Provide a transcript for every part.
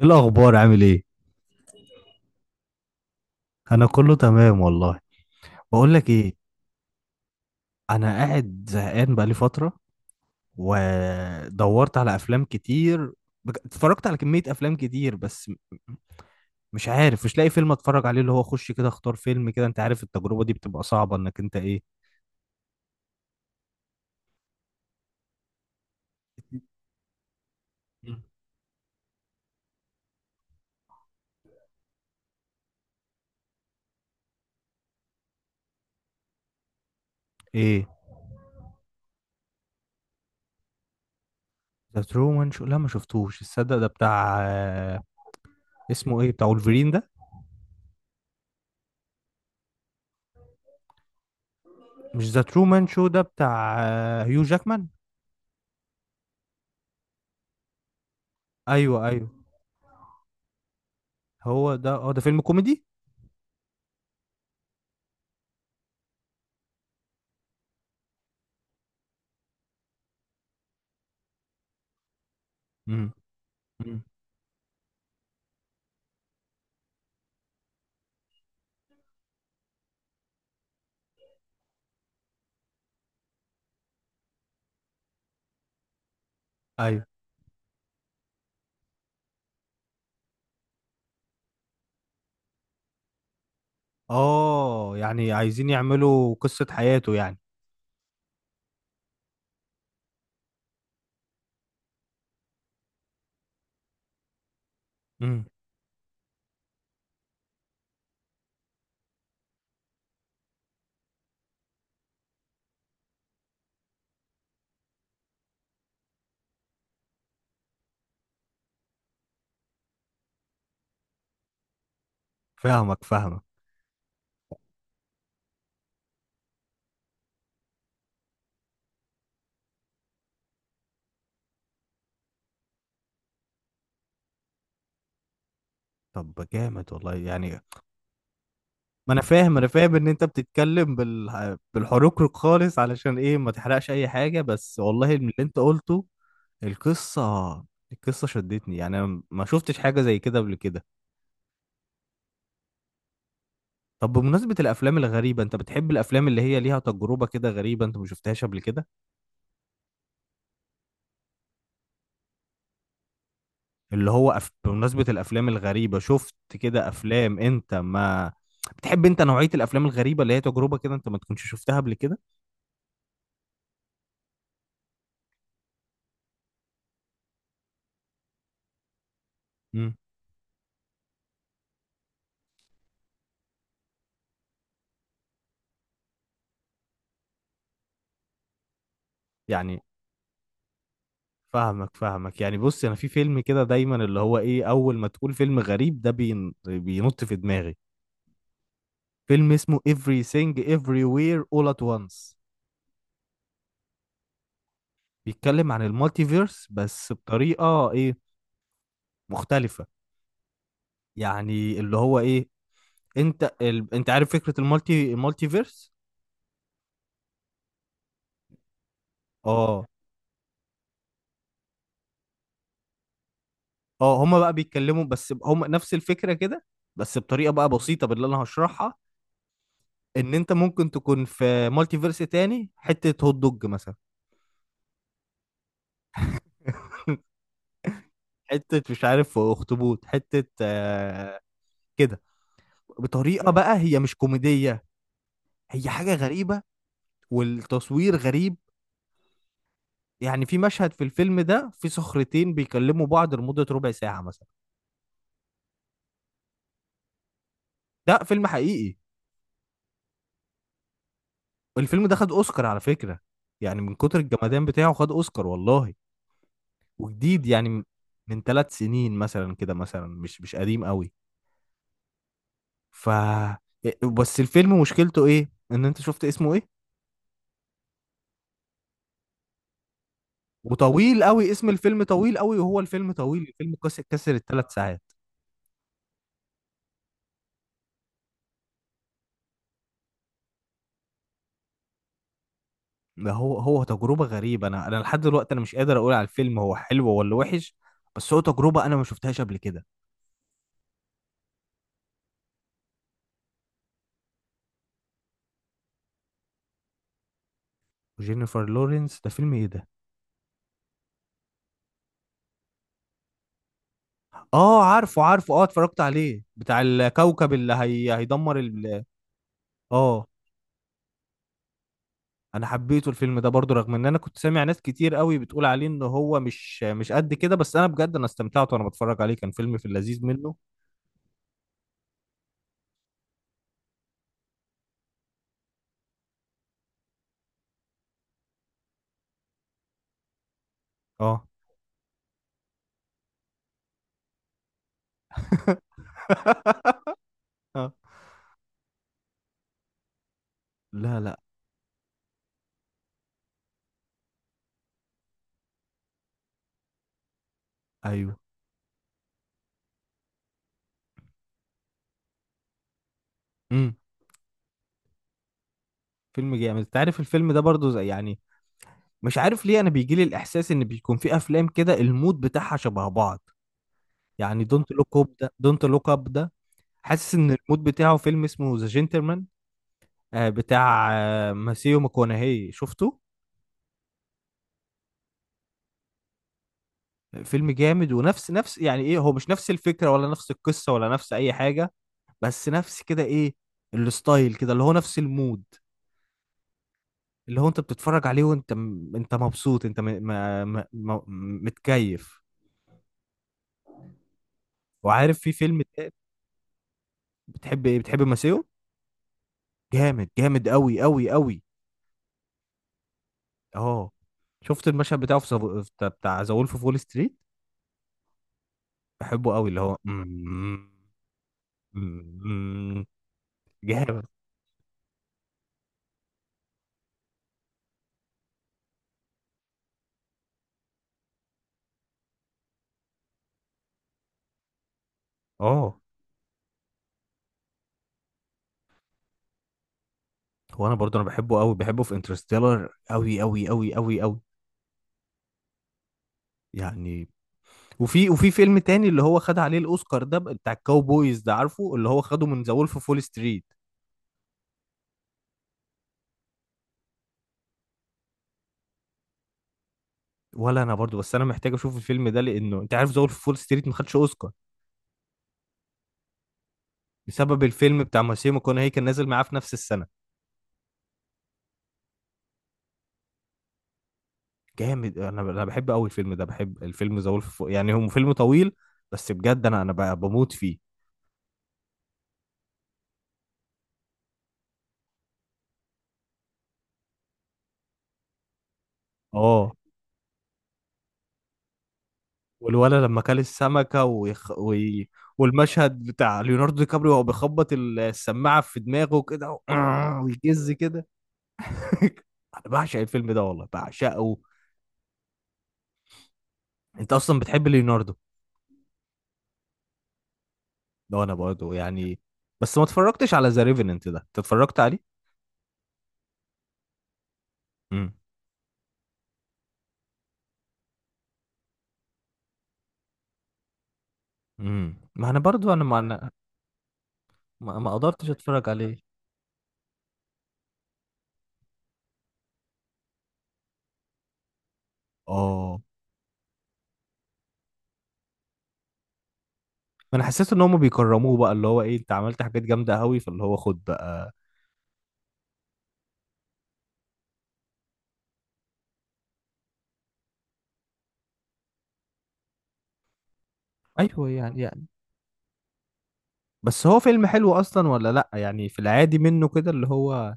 ايه الاخبار؟ عامل ايه؟ انا كله تمام والله. بقول لك ايه. انا قاعد زهقان بقالي فتره، ودورت على افلام كتير. اتفرجت على كميه افلام كتير، بس مش عارف، مش لاقي فيلم اتفرج عليه، اللي هو اخش كده اختار فيلم كده، انت عارف التجربه دي بتبقى صعبه انك انت ايه؟ مم. ايه. ذا ترومان شو؟ لا، ما شفتوش. الصدق ده بتاع اسمه ايه بتاع ولفرين ده؟ مش ذا ترومان شو ده بتاع هيو جاكمان؟ ايوه، ايوه. هو ده. اه، ده فيلم كوميدي؟ امم. مم. ايوه. اه، يعني عايزين يعملوا قصة حياته يعني. امم. فاهمك، فاهمك. طب جامد والله يعني. ما انا فاهم ان انت بتتكلم بالحروق خالص، علشان ايه ما تحرقش اي حاجة؟ بس والله من اللي انت قلته، القصة القصة شدتني، يعني أنا ما شفتش حاجة زي كده قبل كده. طب بمناسبة الأفلام الغريبة، أنت بتحب الأفلام اللي هي ليها تجربة كده غريبة أنت ما شفتهاش قبل كده؟ بمناسبة الأفلام الغريبة، شفت كده أفلام أنت ما بتحب؟ أنت نوعية الأفلام الغريبة اللي هي تجربة كده أنت ما تكونش شفتها قبل كده؟ امم. يعني فاهمك، فاهمك. يعني بص، أنا في فيلم كده دايما اللي هو إيه، أول ما تقول فيلم غريب ده بينط في دماغي. فيلم اسمه Everything Everywhere All at Once. بيتكلم عن المالتيفيرس، بس بطريقة إيه، مختلفة. يعني اللي هو ايه، انت عارف فكرة المالتي فيرس؟ اه. اه، هما بقى بيتكلموا، بس هما نفس الفكرة كده، بس بطريقة بقى بسيطة باللي انا هشرحها. ان انت ممكن تكون في مالتي فيرس تاني، حتة هوت دوج مثلا. حتة مش عارف، اخطبوط، حتة كده. بطريقة بقى هي مش كوميدية، هي حاجة غريبة. والتصوير غريب. يعني في مشهد في الفيلم ده، في صخرتين بيكلموا بعض لمدة ربع ساعة مثلا. ده فيلم حقيقي. الفيلم ده خد اوسكار على فكرة. يعني من كتر الجمدان بتاعه خد اوسكار والله. وجديد، يعني من 3 سنين مثلا كده مثلا، مش قديم قوي. ف بس الفيلم مشكلته ايه، ان انت شفت اسمه ايه؟ وطويل قوي، اسم الفيلم طويل قوي، وهو الفيلم طويل، الفيلم كسر الـ3 ساعات. ده هو تجربة غريبة، انا لحد دلوقتي انا مش قادر اقول على الفيلم هو حلو ولا وحش، بس هو تجربة انا ما شفتهاش قبل كده. وجينيفر لورنس، ده فيلم ايه ده؟ اه، عارفه، عارفه، اه اتفرجت عليه بتاع الكوكب، اللي هي هيدمر ال. اه. انا حبيته الفيلم ده برضو، رغم ان انا كنت سامع ناس كتير قوي بتقول عليه ان هو مش قد كده، بس انا بجد انا استمتعت وانا بتفرج عليه، كان فيلم في اللذيذ منه. اه. آه. لا، لا. ايوه. امم. فيلم جامد، انت عارف الفيلم ده برضو زي يعني، مش عارف ليه انا بيجي لي الاحساس ان بيكون في افلام كده المود بتاعها شبه بعض. يعني دونت لوك اب ده، حاسس ان المود بتاعه فيلم اسمه ذا جنتلمان، بتاع ماسيو ماكونهي، شفته؟ فيلم جامد، ونفس نفس يعني ايه؟ هو مش نفس الفكرة، ولا نفس القصة، ولا نفس اي حاجة، بس نفس كده ايه، الستايل كده، اللي هو نفس المود. اللي هو انت بتتفرج عليه وانت انت مبسوط، انت متكيف. وعارف في فيلم بتحب ماسيو؟ جامد، جامد، قوي، قوي، قوي. اه. شفت المشهد بتاعه في بتاع ذا وولف اوف وول ستريت؟ بحبه قوي اللي هو، جامد. اه. هو انا برضه انا بحبه قوي، بحبه في انترستيلر قوي، قوي، قوي، قوي، قوي. يعني، وفي فيلم تاني اللي هو خد عليه الاوسكار ده، بتاع الكاوبويز ده، عارفه اللي هو خده من ذا وولف اوف فول ستريت؟ ولا انا برضه، بس انا محتاج اشوف الفيلم ده، لانه انت عارف ذا وولف اوف فول ستريت ما خدش اوسكار بسبب الفيلم بتاع ماسيمو كوناهي، كان نازل معاه في نفس السنه. جامد، انا بحب قوي الفيلم ده، بحب الفيلم ذا وولف، يعني هو فيلم طويل، بس بجد انا بقى بموت فيه. اه. والولد لما كل السمكة والمشهد بتاع ليوناردو دي كابريو وهو بيخبط السماعة في دماغه كده و... آه، ويجز كده. انا بعشق الفيلم ده والله، بعشقه. انت اصلا بتحب ليوناردو؟ ده انا برضه يعني، بس ما اتفرجتش على ذا ريفننت ده، انت اتفرجت عليه؟ امم. امم، ما انا برضه انا ما قدرتش اتفرج عليه. اه، ما انا حسيت ان هم بيكرموه بقى، اللي هو ايه، انت عملت حاجات جامده قوي فاللي هو خد بقى. ايوه يعني. بس هو فيلم حلو اصلا ولا لا، يعني في العادي منه كده اللي هو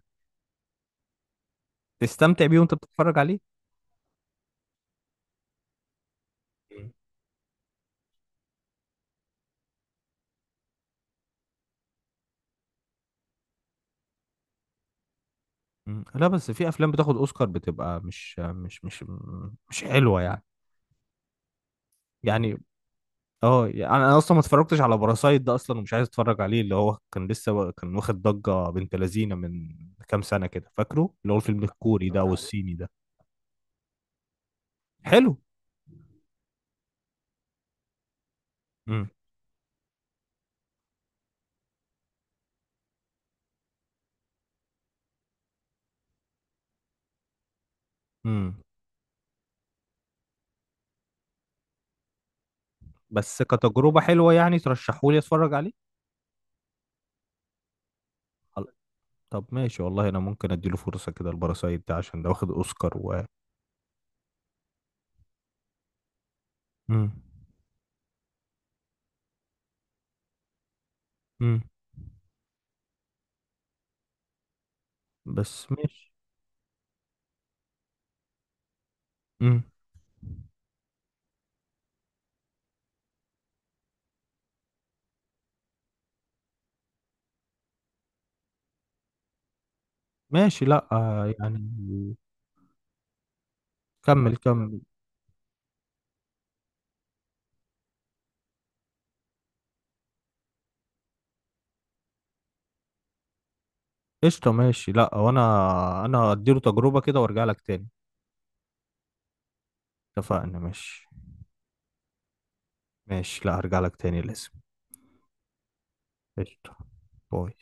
تستمتع بيه وانت بتتفرج عليه. مم. مم. لا، بس في افلام بتاخد اوسكار بتبقى مش حلوه يعني. يعني. اه يعني، انا اصلا ما اتفرجتش على باراسايت ده اصلا، ومش عايز اتفرج عليه، اللي هو كان لسه كان واخد ضجه بنت لذينه من كام سنه كده، فاكره اللي هو الفيلم الكوري ده اتفرجت عليه والصيني ده؟ حلو. امم. امم. بس كتجربه حلوه، يعني ترشحوا لي اتفرج عليه؟ طب ماشي والله، انا ممكن اديله فرصة كده الباراسايت ده عشان ده واخد اوسكار و، مم. مم. بس ماشي. مم. ماشي، لا يعني، كمل، كمل. قشطة ماشي، لا وانا انا اديله تجربة كده وارجع لك تاني. اتفقنا ماشي. ماشي، لا هرجع لك تاني لازم. قشطة. باي.